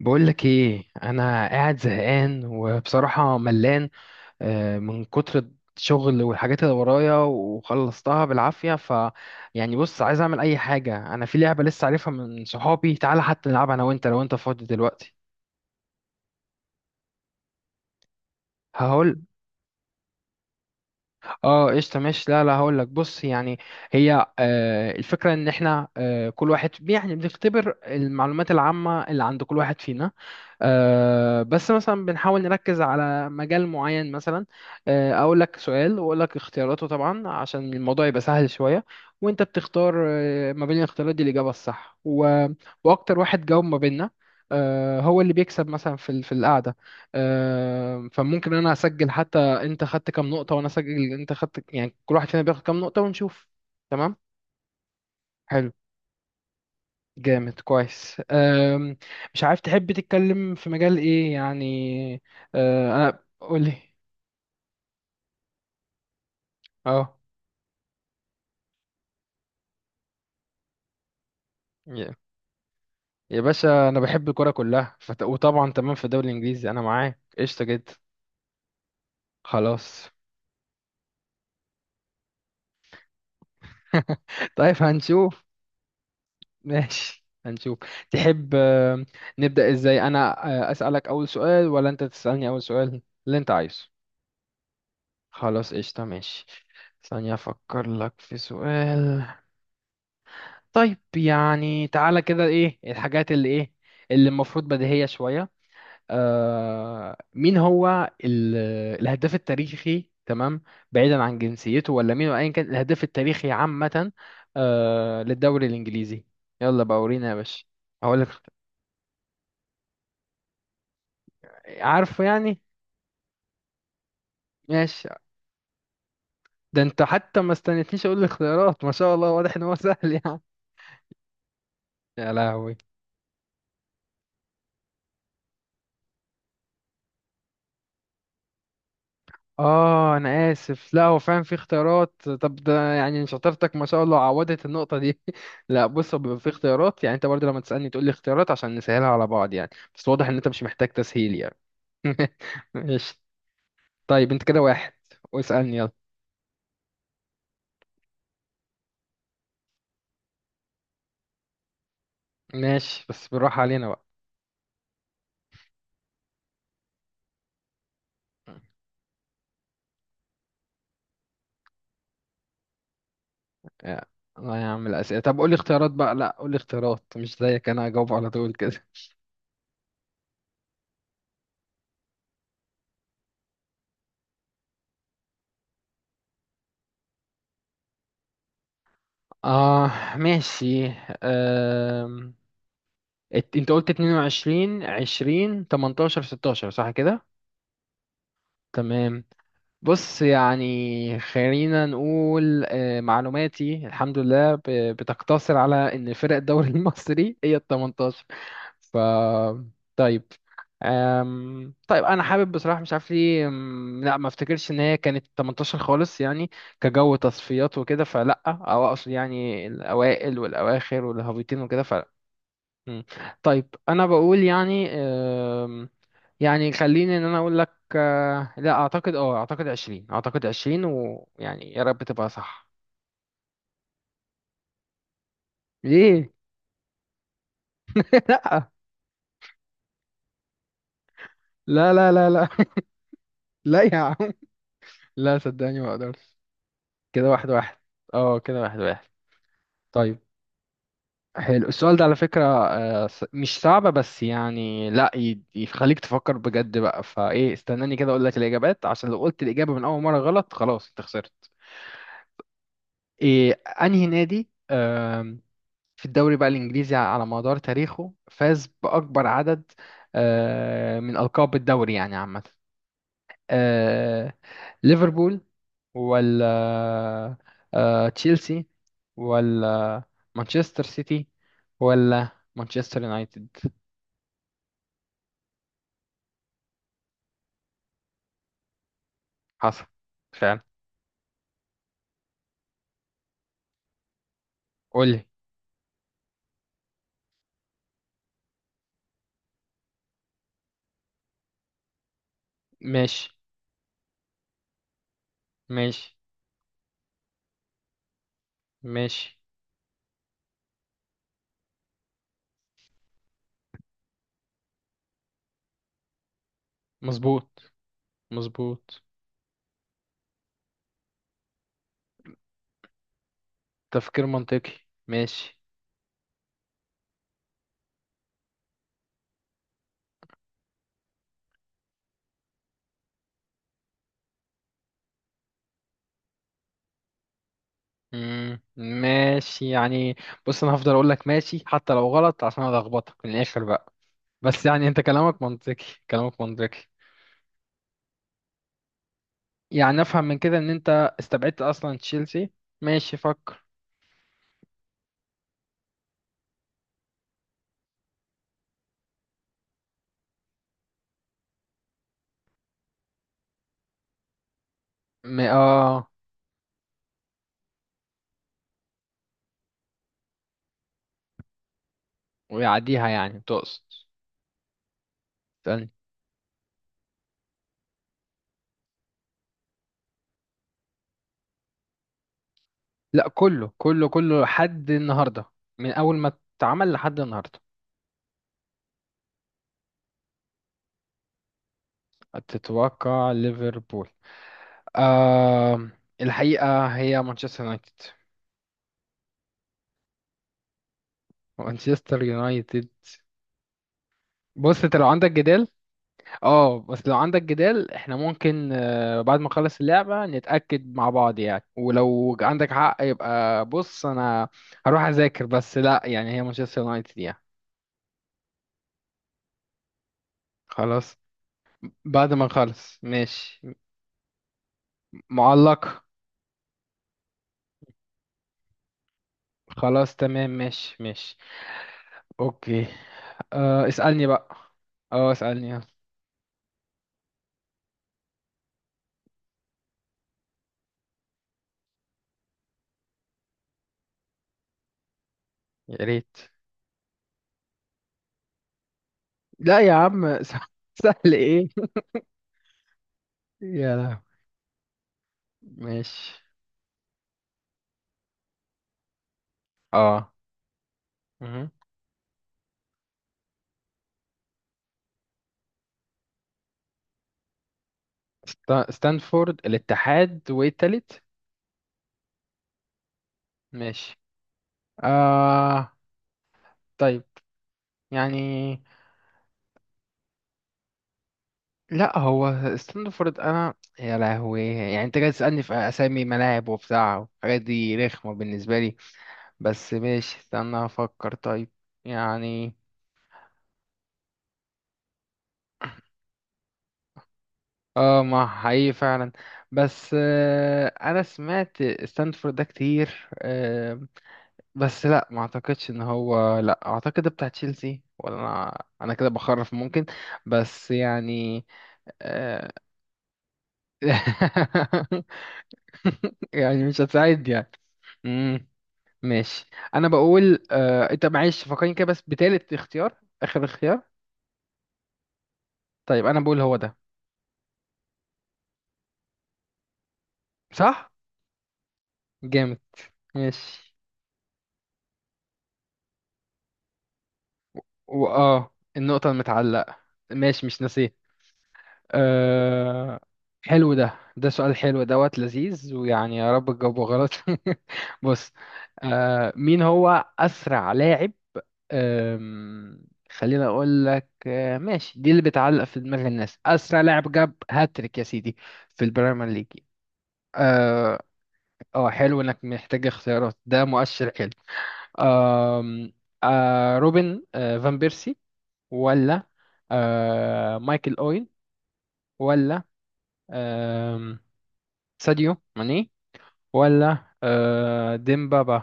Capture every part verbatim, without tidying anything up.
بقولك ايه، انا قاعد زهقان وبصراحة ملان، آه، من كتر الشغل والحاجات اللي ورايا وخلصتها بالعافية. ف يعني بص، عايز اعمل اي حاجة. انا في لعبة لسه عارفها من صحابي، تعالى حتى نلعبها انا وانت لو انت فاضي دلوقتي. هقول. اه قشطه ماشي. لا لا، هقول لك. بص يعني، هي آه الفكره ان احنا، آه كل واحد يعني بنختبر المعلومات العامه اللي عند كل واحد فينا. آه بس مثلا بنحاول نركز على مجال معين. مثلا آه اقول لك سؤال واقول لك اختياراته، طبعا عشان الموضوع يبقى سهل شويه، وانت بتختار آه ما بين الاختيارات دي الاجابه الصح، و... واكتر واحد جاوب ما بيننا آه هو اللي بيكسب مثلا في ال- في القعده. آه فممكن انا اسجل حتى انت خدت كام نقطة، وانا سجل انت خدت. يعني كل واحد فينا بياخد كام نقطة ونشوف. تمام. حلو. جامد، كويس. أم... مش عارف تحب تتكلم في مجال ايه يعني. أه... انا قولي. اه يا يا باشا، انا بحب الكرة كلها، فت... وطبعا تمام، في الدوري الانجليزي انا معاك قشطة جدا. خلاص. طيب هنشوف. ماشي هنشوف. تحب، أم، نبدأ ازاي؟ انا أه، اسألك اول سؤال ولا انت تسألني اول سؤال اللي انت عايزه؟ خلاص قشطة ماشي. ثانية أفكر لك في سؤال. طيب يعني تعالى كده، إيه الحاجات اللي إيه اللي المفروض بديهية شوية؟ آه مين هو ال- الهداف التاريخي؟ تمام، بعيدا عن جنسيته ولا مين وأيا كان، الهداف التاريخي عامة، آه للدوري الإنجليزي. يلا بقى ورينا يا باشا. هقول لك. عارفه يعني؟ ماشي. ده أنت حتى ما استنيتنيش أقول الاختيارات، ما شاء الله، واضح إن هو سهل يعني. يا لهوي. اه انا اسف، لا هو فعلا في اختيارات. طب ده يعني شطارتك ما شاء الله، عوضت النقطه دي. لا بص، هو بيبقى في اختيارات، يعني انت برضه لما تسالني تقول لي اختيارات عشان نسهلها على بعض يعني. بس واضح ان انت مش محتاج تسهيل يعني. ماشي. طيب انت كده واحد، واسالني يلا. ماشي بس بالراحه علينا بقى. يا- الله يا عم الاسئله. طب قول لي اختيارات بقى، لا قول لي اختيارات، مش زيك انا هجاوب على طول كده. اه ماشي. أم... ات- انت قلت اتنين وعشرين، عشرين، تمنتاشر، ستاشر، صح كده؟ تمام. بص يعني خلينا نقول، آه، معلوماتي الحمد لله ب- بتقتصر على ان فرق الدوري المصري هي ال تمنتاشر. ف طيب. أم... طيب انا حابب بصراحه، مش عارف ليه، أم، لا ما افتكرش ان هي كانت تمنتاشر خالص يعني، كجو تصفيات وكده فلا، او اقصد يعني الاوائل والاواخر والهابطين وكده فلا. مم. طيب انا بقول يعني، يعني خليني ان انا اقول لك، آه، لا اعتقد، اه اعتقد عشرين، اعتقد عشرين، ويعني يا رب تبقى صح. ليه؟ لا لا لا لا لا. لا يا عم، لا صدقني ما اقدرش. كده واحد واحد. اه كده واحد واحد. طيب، حلو السؤال ده على فكرة، آه، ص- مش صعبة بس يعني، لا ي- يخليك تفكر بجد بقى. فايه استناني كده اقول لك الاجابات؟ عشان لو قلت الاجابة من اول مرة غلط خلاص انت خسرت. إيه؟ انهي نادي في الدوري بقى الإنجليزي على مدار تاريخه فاز بأكبر عدد آه، من ألقاب الدوري يعني عامة؟ آه، ليفربول، ولا آه، تشيلسي، ولا مانشستر سيتي، ولا مانشستر يونايتد؟ حصل فعلا. قولي. ماشي. ماشي. ماشي. مظبوط. مظبوط. تفكير منطقي. ماشي. مم، ماشي يعني. بص انا هفضل اقول لك ماشي حتى لو غلط عشان الخبطك من الاخر بقى. بس يعني انت كلامك منطقي، كلامك منطقي يعني. افهم من كده ان انت استبعدت اصلا تشيلسي؟ ماشي فكر. م... اه ويعديها يعني تقصد؟ استنى. لا كله، كله كله لحد النهارده، من اول ما اتعمل لحد النهارده. تتوقع ليفربول؟ آه الحقيقة هي مانشستر يونايتد. مانشستر يونايتد. بص، انت لو عندك جدال، اه بس لو عندك جدال، احنا ممكن آه، بعد ما نخلص اللعبة نتأكد مع بعض يعني. ولو عندك حق يبقى بص انا هروح اذاكر، بس لا يعني هي مانشستر يونايتد يعني. خلاص بعد ما نخلص. ماشي معلق. خلاص تمام. ماشي ماشي. اوكي. آه اسألني بقى. اه اسألني يلا. يا ريت. لا يا عم. سهل ايه؟ يا لهوي. ماشي. اه. مهم. ستا- ستانفورد، الاتحاد، وايه التالت؟ ماشي. آه طيب يعني، لا هو ستاندفورد انا، يا لهوي، يعني انت جاي تسألني في اسامي ملاعب وبتاع الحاجات دي رخمة بالنسبة لي. بس ماشي استنى افكر. طيب يعني، اه ما حقيقي فعلا. بس آه انا سمعت ستاندفورد ده كتير. آه بس لا ما اعتقدش ان هو، لا اعتقد ده بتاع تشيلسي، ولا انا انا كده بخرف ممكن، بس يعني. آه. يعني مش هتساعد يعني. امم ماشي. انا بقول آه... انت معلش فكرني كده، بس بتالت اختيار، اخر اختيار. طيب انا بقول هو ده. صح. جامد. ماشي. واه النقطة المتعلقة. ماشي مش ناسيه. آه... حلو ده، ده سؤال حلو دوت لذيذ، ويعني يا رب تجاوبه غلط. بص. آه... مين هو أسرع لاعب؟ أم، خليني اقول لك. أه، ماشي دي اللي بتعلق في دماغ الناس، اسرع لاعب جاب هاتريك يا سيدي في البريمير ليج. اه. آه، حلو انك محتاج اختيارات، ده مؤشر حلو. أم، آه روبن آه فان بيرسي، ولا آه مايكل اوين، ولا آم، ساديو ماني، ولا آه ديمبابا؟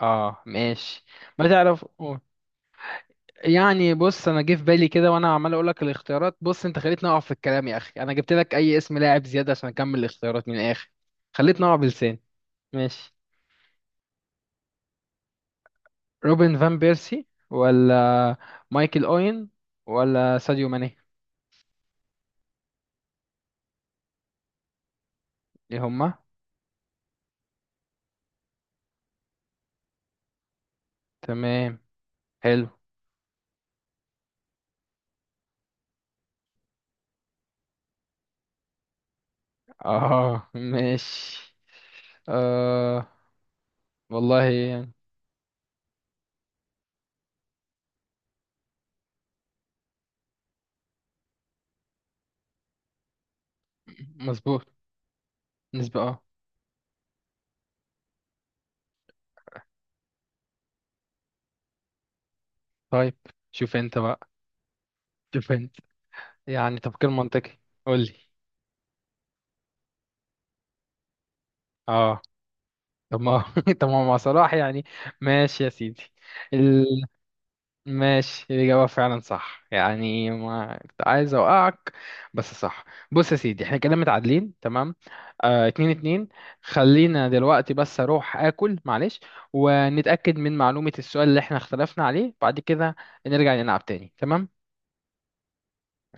اه ماشي. ما تعرف. يعني بص، انا جه في بالي كده وانا عمال اقول لك الاختيارات، بص انت خليتني اقع في الكلام، يا اخي انا جبت لك اي اسم لاعب زياده عشان اكمل الاختيارات من الاخر. خليتني اقع بلسان. ماشي. روبن فان بيرسي، ولا مايكل اوين، ولا ساديو ماني؟ ايه هما؟ تمام. حلو. اه ماشي. آه والله يعني. مظبوط. نسبة اه. طيب شوف انت بقى. شوف انت، يعني تفكير منطقي. قول لي. اه. طب ما طب ما مع صلاح يعني، ماشي يا سيدي. ال... ماشي، الإجابة فعلا صح، يعني ما كنت عايز أوقعك، بس صح. بص يا سيدي احنا كده متعادلين تمام. آه اتنين اتنين. خلينا دلوقتي بس أروح آكل معلش، ونتأكد من معلومة السؤال اللي احنا اختلفنا عليه بعد كده، نرجع نلعب تاني. تمام.